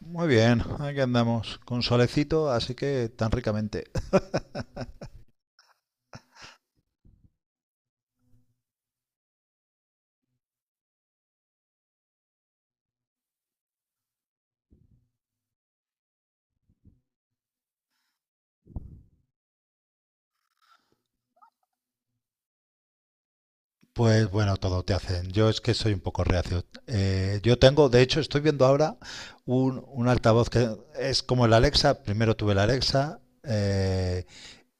Muy bien, aquí andamos con solecito, así que tan ricamente. Pues bueno, todo te hacen. Yo es que soy un poco reacio. Yo tengo, de hecho, estoy viendo ahora un altavoz que es como el Alexa. Primero tuve el Alexa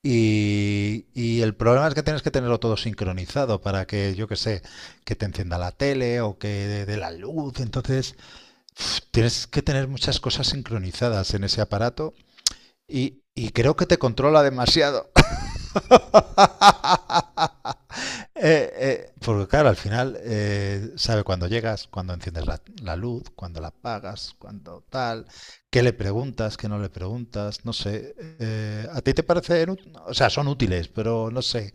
y el problema es que tienes que tenerlo todo sincronizado para que, yo que sé, que te encienda la tele o que dé la luz. Entonces, tienes que tener muchas cosas sincronizadas en ese aparato y creo que te controla demasiado. Porque claro, al final sabe cuando llegas, cuando enciendes la luz, cuando la apagas, cuando tal, qué le preguntas, qué no le preguntas, no sé. ¿A ti te parecen, o sea, son útiles, pero no sé.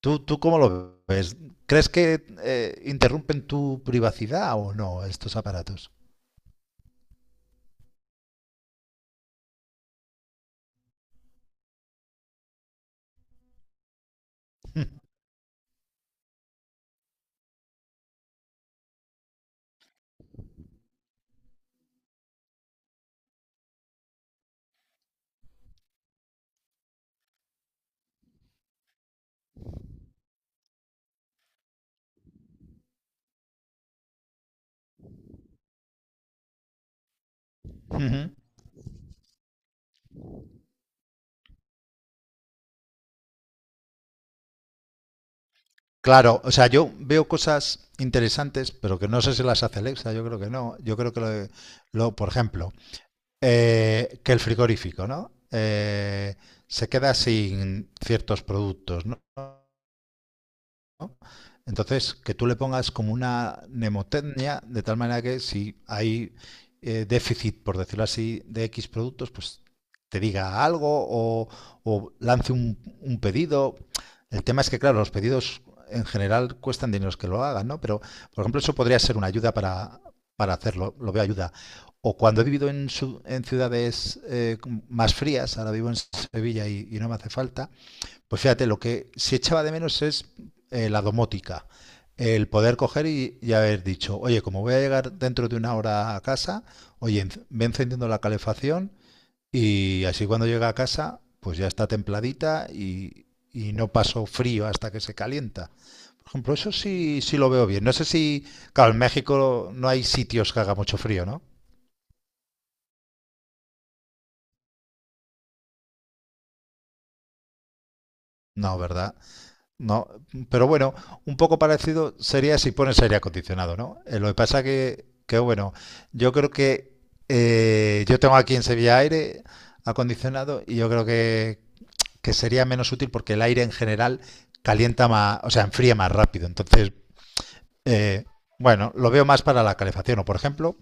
¿Tú cómo lo ves? ¿Crees que interrumpen tu privacidad o no estos aparatos? Ujú. Claro, o sea, yo veo cosas interesantes, pero que no sé si las hace Alexa, yo creo que no. Yo creo que por ejemplo, que el frigorífico, ¿no? Se queda sin ciertos productos, ¿no? ¿no? Entonces, que tú le pongas como una mnemotecnia, de tal manera que si hay déficit, por decirlo así, de X productos, pues te diga algo o lance un pedido. El tema es que, claro, los pedidos en general cuestan dinero que lo hagan, ¿no? Pero, por ejemplo, eso podría ser una ayuda para hacerlo, lo veo ayuda. O cuando he vivido en ciudades más frías, ahora vivo en Sevilla y no me hace falta, pues fíjate, lo que sí echaba de menos es la domótica. El poder coger y haber dicho, oye, como voy a llegar dentro de una hora a casa, oye, ve encendiendo la calefacción y así cuando llega a casa, pues ya está templadita y no paso frío hasta que se calienta. Por ejemplo, eso sí, sí lo veo bien. No sé si, claro, en México no hay sitios que haga mucho frío, ¿no? No, ¿verdad? No, pero bueno, un poco parecido sería si pones aire acondicionado, ¿no? Lo que pasa que bueno, yo creo que yo tengo aquí en Sevilla aire acondicionado y yo creo que sería menos útil porque el aire en general calienta más, o sea, enfría más rápido. Entonces, eh, bueno, lo veo más para la calefacción o, por ejemplo,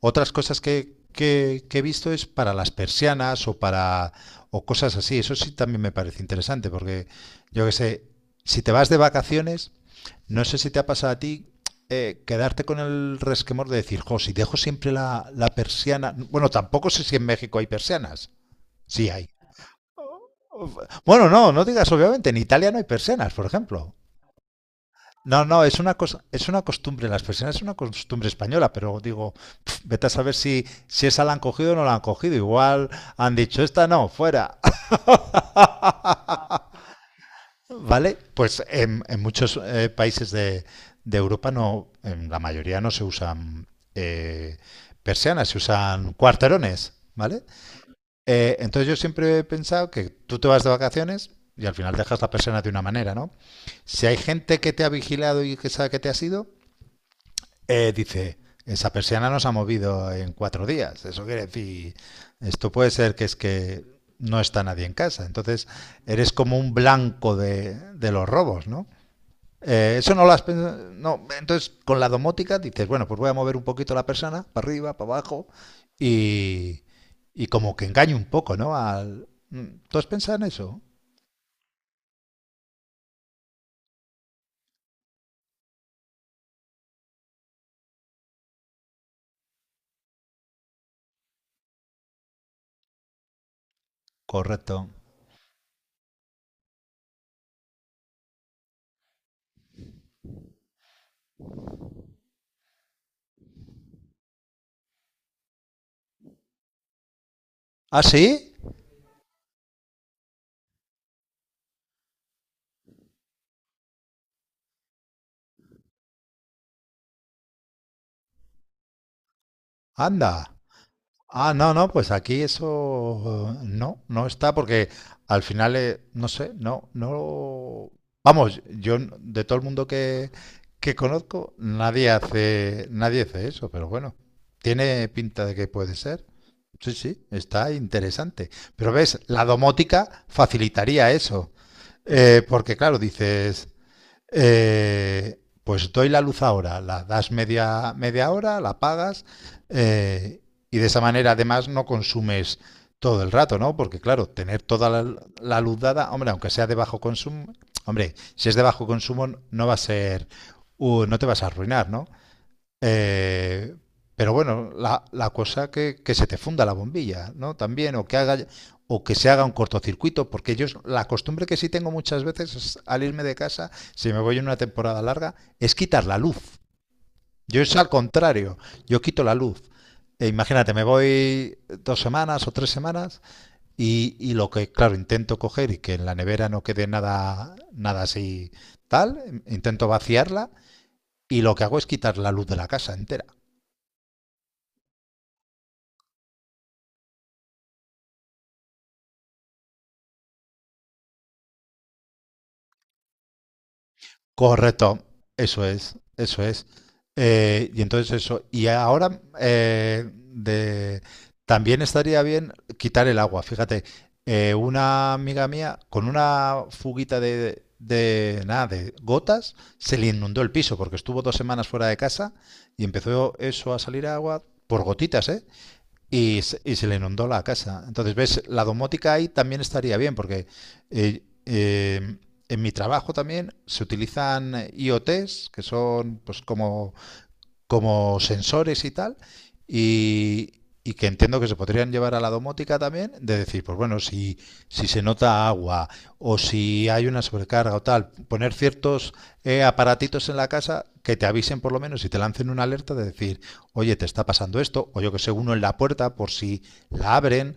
otras cosas que, que he visto es para las persianas o cosas así. Eso sí también me parece interesante porque yo que sé, si te vas de vacaciones, no sé si te ha pasado a ti quedarte con el resquemor de decir, jo, si dejo siempre la persiana. Bueno, tampoco sé si en México hay persianas. Sí hay. Bueno, no, no digas obviamente, en Italia no hay persianas, por ejemplo. No, no, es una cosa, es una costumbre en las personas, es una costumbre española, pero digo, vete a saber si esa la han cogido o no la han cogido. Igual han dicho, esta no, fuera. ¿Vale? Pues en muchos países de Europa no, en la mayoría no se usan eh, persianas, se usan cuarterones, ¿vale? Entonces yo siempre he pensado que tú te vas de vacaciones y al final dejas la persiana de una manera, ¿no? Si hay gente que te ha vigilado y que sabe que te has ido, dice, esa persiana nos ha movido en 4 días. Eso quiere decir, esto puede ser que es que no está nadie en casa. Entonces, eres como un blanco de los robos, ¿no? Eso no lo has pensado. No. Entonces, con la domótica dices, bueno, pues voy a mover un poquito la persiana para arriba, para abajo, y, y como que engaño un poco, ¿no? ¿Tú has pensado en eso? Correcto. ¿Ah, sí? Anda. Ah, no, no, pues aquí eso no, no está porque al final, no sé, no, no. Vamos, de todo el mundo que conozco, nadie hace eso, pero bueno, tiene pinta de que puede ser. Sí, sí, está interesante. Pero ves, la domótica facilitaría eso. Porque claro, dices, pues doy la luz ahora, la das media hora, la pagas eh, y de esa manera además no consumes todo el rato, ¿no? Porque claro, tener toda la luz dada, hombre, aunque sea de bajo consumo, hombre, si es de bajo consumo no va a ser, no te vas a arruinar, ¿no? Eh, pero bueno, la cosa que se te funda la bombilla, ¿no? También, o que haga, o que se haga un cortocircuito, porque yo la costumbre que sí tengo muchas veces es, al irme de casa, si me voy en una temporada larga, es quitar la luz. Yo es al contrario, yo quito la luz. E imagínate, me voy 2 semanas o 3 semanas y lo que, claro, intento coger y que en la nevera no quede nada, nada así tal, intento vaciarla y lo que hago es quitar la luz de la casa entera. Correcto, eso es, eso es. Y entonces eso, y ahora también estaría bien quitar el agua, fíjate, una amiga mía con una fuguita de nada, de gotas, se le inundó el piso porque estuvo 2 semanas fuera de casa y empezó eso a salir agua por gotitas, ¿eh? Y se le inundó la casa. Entonces, ves, la domótica ahí también estaría bien, porque eh, eh, en mi trabajo también se utilizan IoTs, que son pues como sensores y tal, y, y que entiendo que se podrían llevar a la domótica también, de decir, pues bueno, si se nota agua o si hay una sobrecarga o tal, poner ciertos aparatitos en la casa que te avisen por lo menos y te lancen una alerta de decir, oye, te está pasando esto, o yo que sé, uno en la puerta por si la abren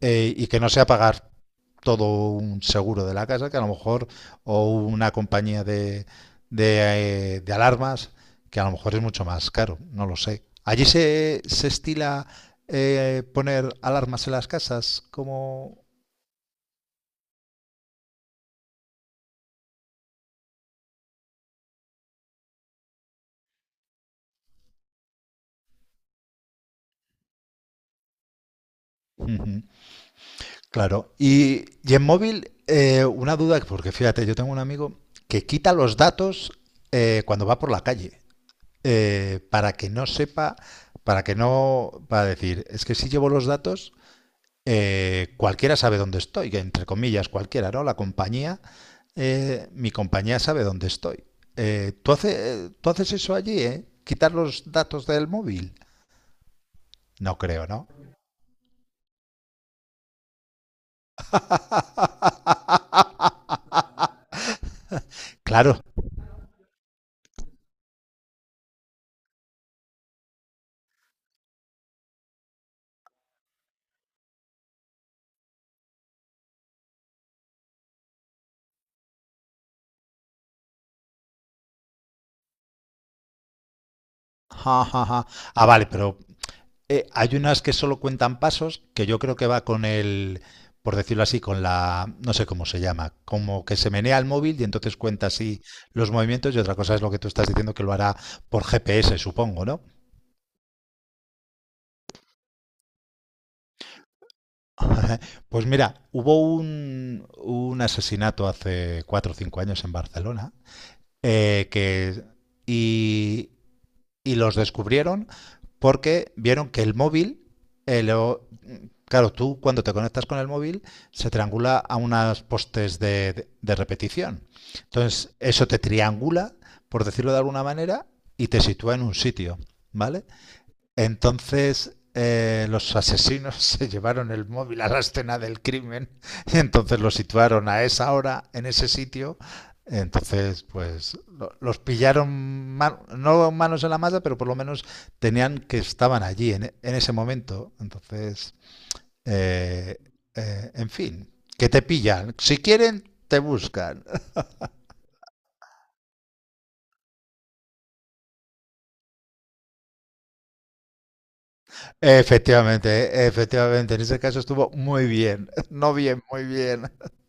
y que no sea pagar todo un seguro de la casa, que a lo mejor, o una compañía de alarmas, que a lo mejor es mucho más caro, no lo sé. ¿Allí se estila poner alarmas en las casas? Ujú, claro. Y en móvil, una duda, porque fíjate, yo tengo un amigo que quita los datos cuando va por la calle, para que no sepa, para que no, para decir, es que si llevo los datos, cualquiera sabe dónde estoy, que entre comillas cualquiera, ¿no? La compañía, mi compañía sabe dónde estoy. ¿Tú haces eso allí, ¿eh? ¿Quitar los datos del móvil? No creo, ¿no? Claro. Ja, ja, ja. Ah, vale, pero. Hay unas que solo cuentan pasos, que yo creo que va con el, por decirlo así, con la, no sé cómo se llama, como que se menea el móvil y entonces cuenta así los movimientos y otra cosa es lo que tú estás diciendo que lo hará por GPS, supongo, ¿no? Pues mira, hubo un asesinato hace 4 o 5 años en Barcelona eh, que, y, y los descubrieron porque vieron que el móvil. eh, lo, Claro, tú cuando te conectas con el móvil se triangula a unos postes de repetición. Entonces, eso te triangula, por decirlo de alguna manera, y te sitúa en un sitio, ¿vale? Entonces, los asesinos se llevaron el móvil a la escena del crimen y entonces lo situaron a esa hora, en ese sitio. Entonces, pues los pillaron, no manos en la masa, pero por lo menos tenían que estaban allí en ese momento. Entonces... Eh, en fin, que te pillan. Si quieren, te buscan. Efectivamente, efectivamente, en ese caso estuvo muy bien. No bien, muy bien.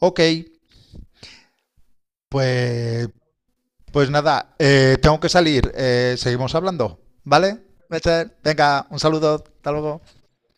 Ok, pues, pues nada, tengo que salir. Seguimos hablando, ¿vale? Mecher, venga, un saludo, hasta luego.